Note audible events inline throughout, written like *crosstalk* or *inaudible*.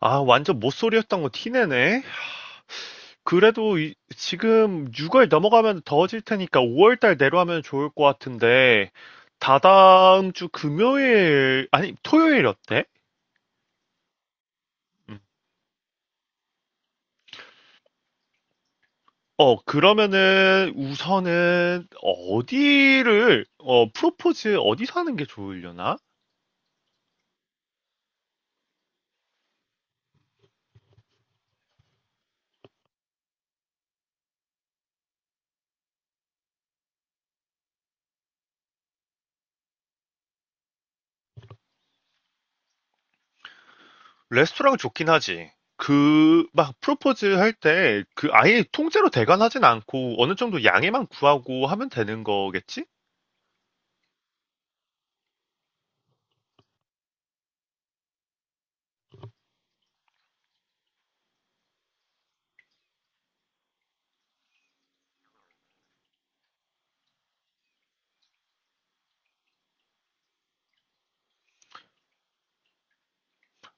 아, 완전 못소리였던거 티내네. 그래도 지금 6월 넘어가면 더워질 테니까 5월 달 내로 하면 좋을 것 같은데, 다다음 주 금요일, 아니, 토요일 어때? 음. 그러면은 우선은 어디를, 프로포즈 어디서 하는 게 좋으려나? 레스토랑 좋긴 하지. 그, 막, 프로포즈 할 때, 그, 아예 통째로 대관하진 않고, 어느 정도 양해만 구하고 하면 되는 거겠지?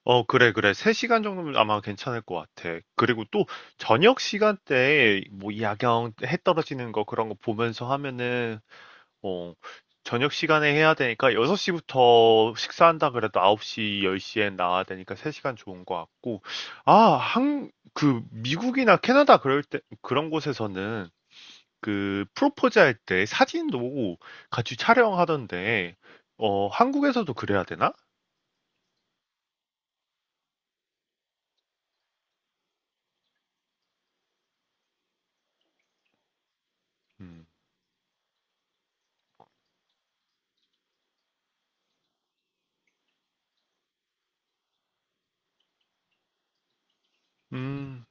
어 그래, 그래. 3 시간 정도면 아마 괜찮을 것 같아. 그리고 또 저녁 시간대에 뭐 야경 해 떨어지는 거 그런 거 보면서 하면은 어 저녁 시간에 해야 되니까 6 시부터 식사한다 그래도 9 시, 10 시에 나와야 되니까 3 시간 좋은 것 같고. 아, 한 그 미국이나 캐나다 그럴 때 그런 곳에서는 그 프로포즈 할 때 사진도 같이 촬영하던데. 한국에서도 그래야 되나? 음. 음.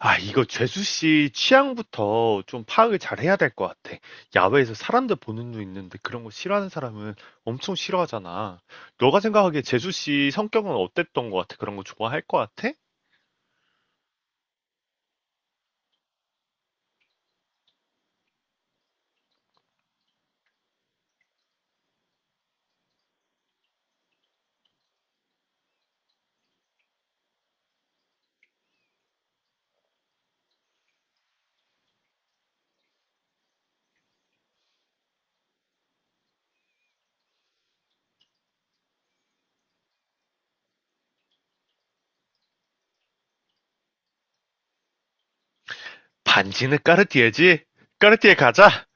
아 이거 죄수 씨 취향부터 좀 파악을 잘해야 될 것 같아. 야외에서 사람들 보는 눈 있는데 그런 거 싫어하는 사람은 엄청 싫어하잖아. 너가 생각하기에 죄수 씨 성격은 어땠던 것 같아? 그런 거 좋아할 것 같아? 반지는 까르띠에지? 까르띠에 가자.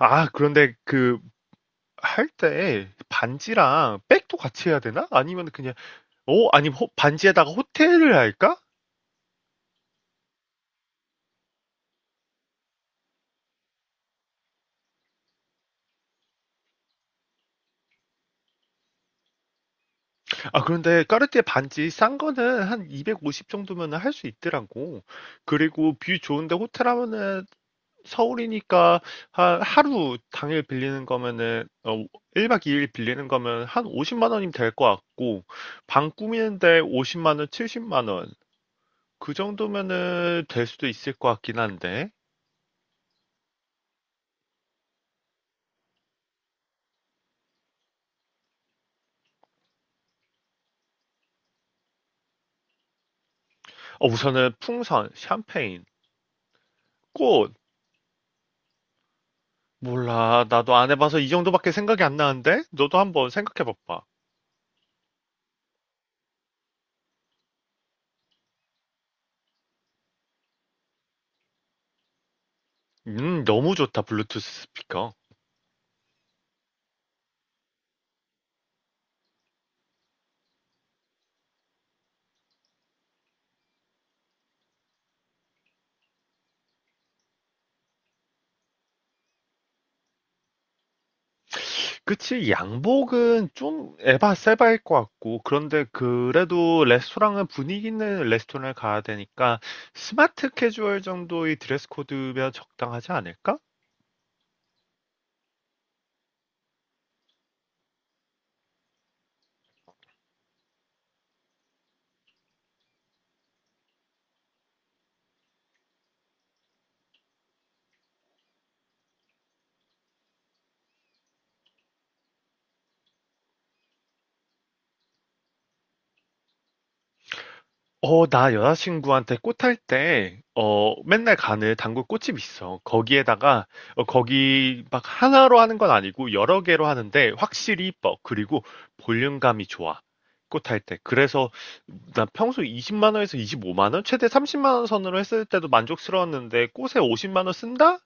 아 그런데 그 할 때 반지랑 백도 같이 해야 되나? 아니면 그냥, 아니면 반지에다가 호텔을 할까? 아 그런데 까르띠에 반지 싼 거는 한 250 정도면 할 수 있더라고. 그리고 뷰 좋은데 호텔 하면은 서울이니까 한 하루 당일 빌리는 거면은 1박 2일 빌리는 거면 한 50만 원이면 될 것 같고 방 꾸미는데 50만 원, 70만 원. 그 정도면은 될 수도 있을 것 같긴 한데. 우선은 풍선, 샴페인, 꽃 몰라. 나도 안 해봐서 이 정도밖에 생각이 안 나는데? 너도 한번 생각해 봐봐. 너무 좋다, 블루투스 스피커. 그치, 양복은 좀 에바 세바일 것 같고, 그런데 그래도 레스토랑은 분위기 있는 레스토랑을 가야 되니까, 스마트 캐주얼 정도의 드레스 코드면 적당하지 않을까? 나 여자친구한테 꽃할 때, 맨날 가는 단골 꽃집 있어. 거기에다가, 거기 막 하나로 하는 건 아니고 여러 개로 하는데 확실히 이뻐. 그리고 볼륨감이 좋아. 꽃할 때. 그래서 나 평소 20만 원에서 25만 원, 최대 30만 원 선으로 했을 때도 만족스러웠는데 꽃에 50만 원 쓴다?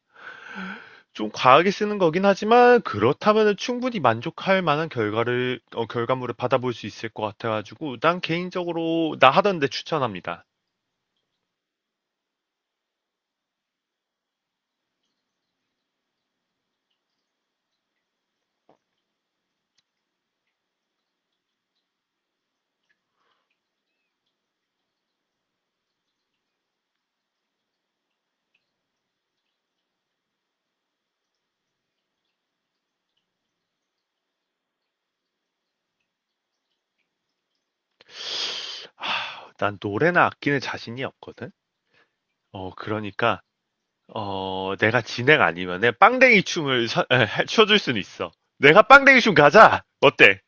좀 과하게 쓰는 거긴 하지만 그렇다면 충분히 만족할 만한 결과를, 결과물을 받아볼 수 있을 것 같아가지고 난 개인적으로 나 하던데 추천합니다. 하, 난 노래나 악기는 자신이 없거든. 그러니까 내가 진행 아니면은 빵댕이 춤을 춰줄 수는 있어. 내가 빵댕이 춤 가자. 어때?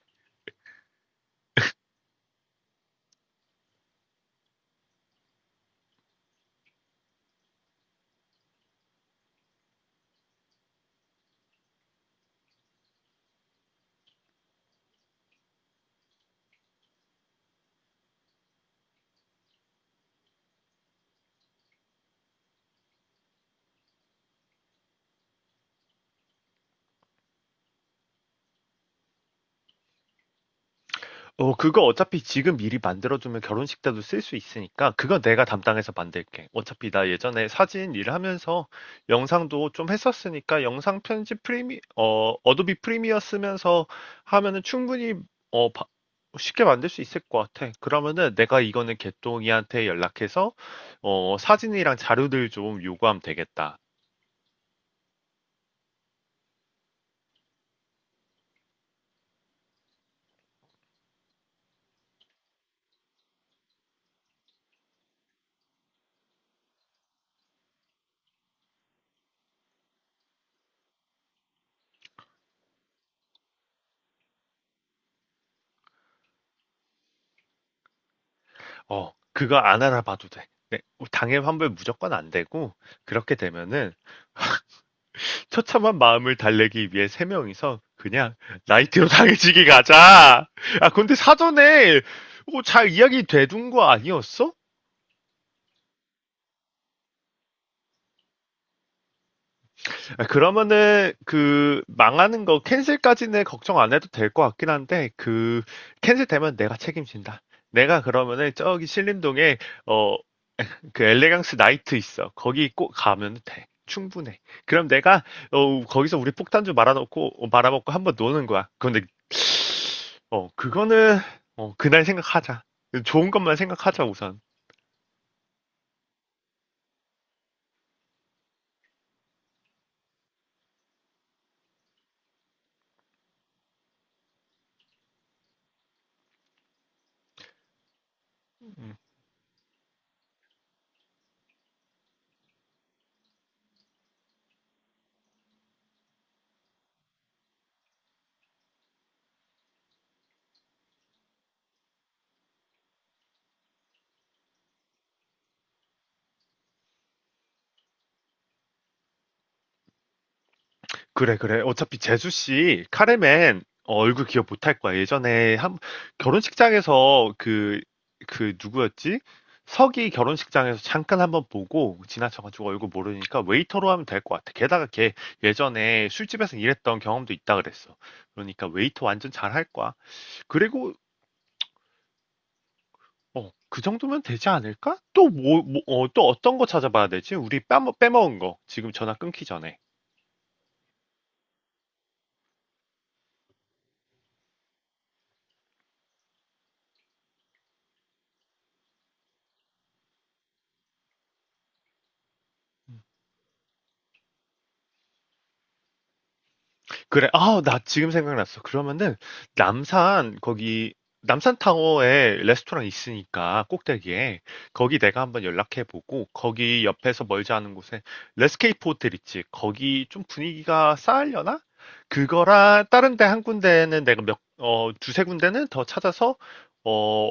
어, 그거 어차피 지금 미리 만들어두면 결혼식 때도 쓸 수 있으니까, 그건 내가 담당해서 만들게. 어차피 나 예전에 사진 일을 하면서 영상도 좀 했었으니까, 영상 편집 어도비 프리미어 쓰면서 하면은 충분히, 어, 바- 쉽게 만들 수 있을 것 같아. 그러면은 내가 이거는 개똥이한테 연락해서, 사진이랑 자료들 좀 요구하면 되겠다. 어, 그거 안 알아봐도 돼. 네, 당일 환불 무조건 안 되고, 그렇게 되면은, 처참한 마음을 달래기 위해 3명이서 그냥 나이트로 *laughs* 당해지기 가자. 아 근데 사전에 뭐 잘 이야기 돼둔 거 아니었어? 아, 그러면은 그 망하는 거 캔슬까지는 걱정 안 해도 될 것 같긴 한데 그 캔슬 되면 내가 책임진다. 내가 그러면은 저기 신림동에 어 그 엘레강스 나이트 있어. 거기 꼭 가면 돼. 충분해. 그럼 내가 거기서 우리 폭탄 좀 말아놓고 말아먹고 한번 노는 거야. 근데 그거는, 그날 생각하자. 좋은 것만 생각하자, 우선. 음. 그래, 그래. 어차피 재수 씨, 카레맨, 얼굴 기억 못할 거야. 예전에 한, 결혼식장에서 그, 누구였지? 석이 결혼식장에서 잠깐 한번 보고 지나쳐가지고 얼굴 모르니까 웨이터로 하면 될 것 같아. 게다가 걔 예전에 술집에서 일했던 경험도 있다 그랬어. 그러니까 웨이터 완전 잘할 거야. 그리고 그 정도면 되지 않을까? 또 뭐, 뭐, 또 어떤 거 찾아봐야 되지? 우리 빼먹은 거. 지금 전화 끊기 전에. 그래, 아, 나 지금 생각났어. 그러면은, 남산, 거기, 남산타워에 레스토랑 있으니까, 꼭대기에. 거기 내가 한번 연락해보고, 거기 옆에서 멀지 않은 곳에, 레스케이프 호텔 있지? 거기 좀 분위기가 쌓으려나? 그거랑, 다른 데 한 군데는 내가 두세 군데는 더 찾아서, 어,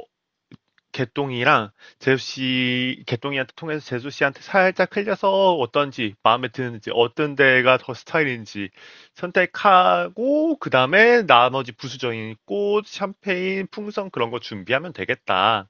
개똥이랑 재수 씨, 개똥이한테 통해서 재수 씨한테 살짝 흘려서 어떤지, 마음에 드는지, 어떤 데가 더 스타일인지 선택하고, 그 다음에 나머지 부수적인 꽃, 샴페인, 풍선 그런 거 준비하면 되겠다.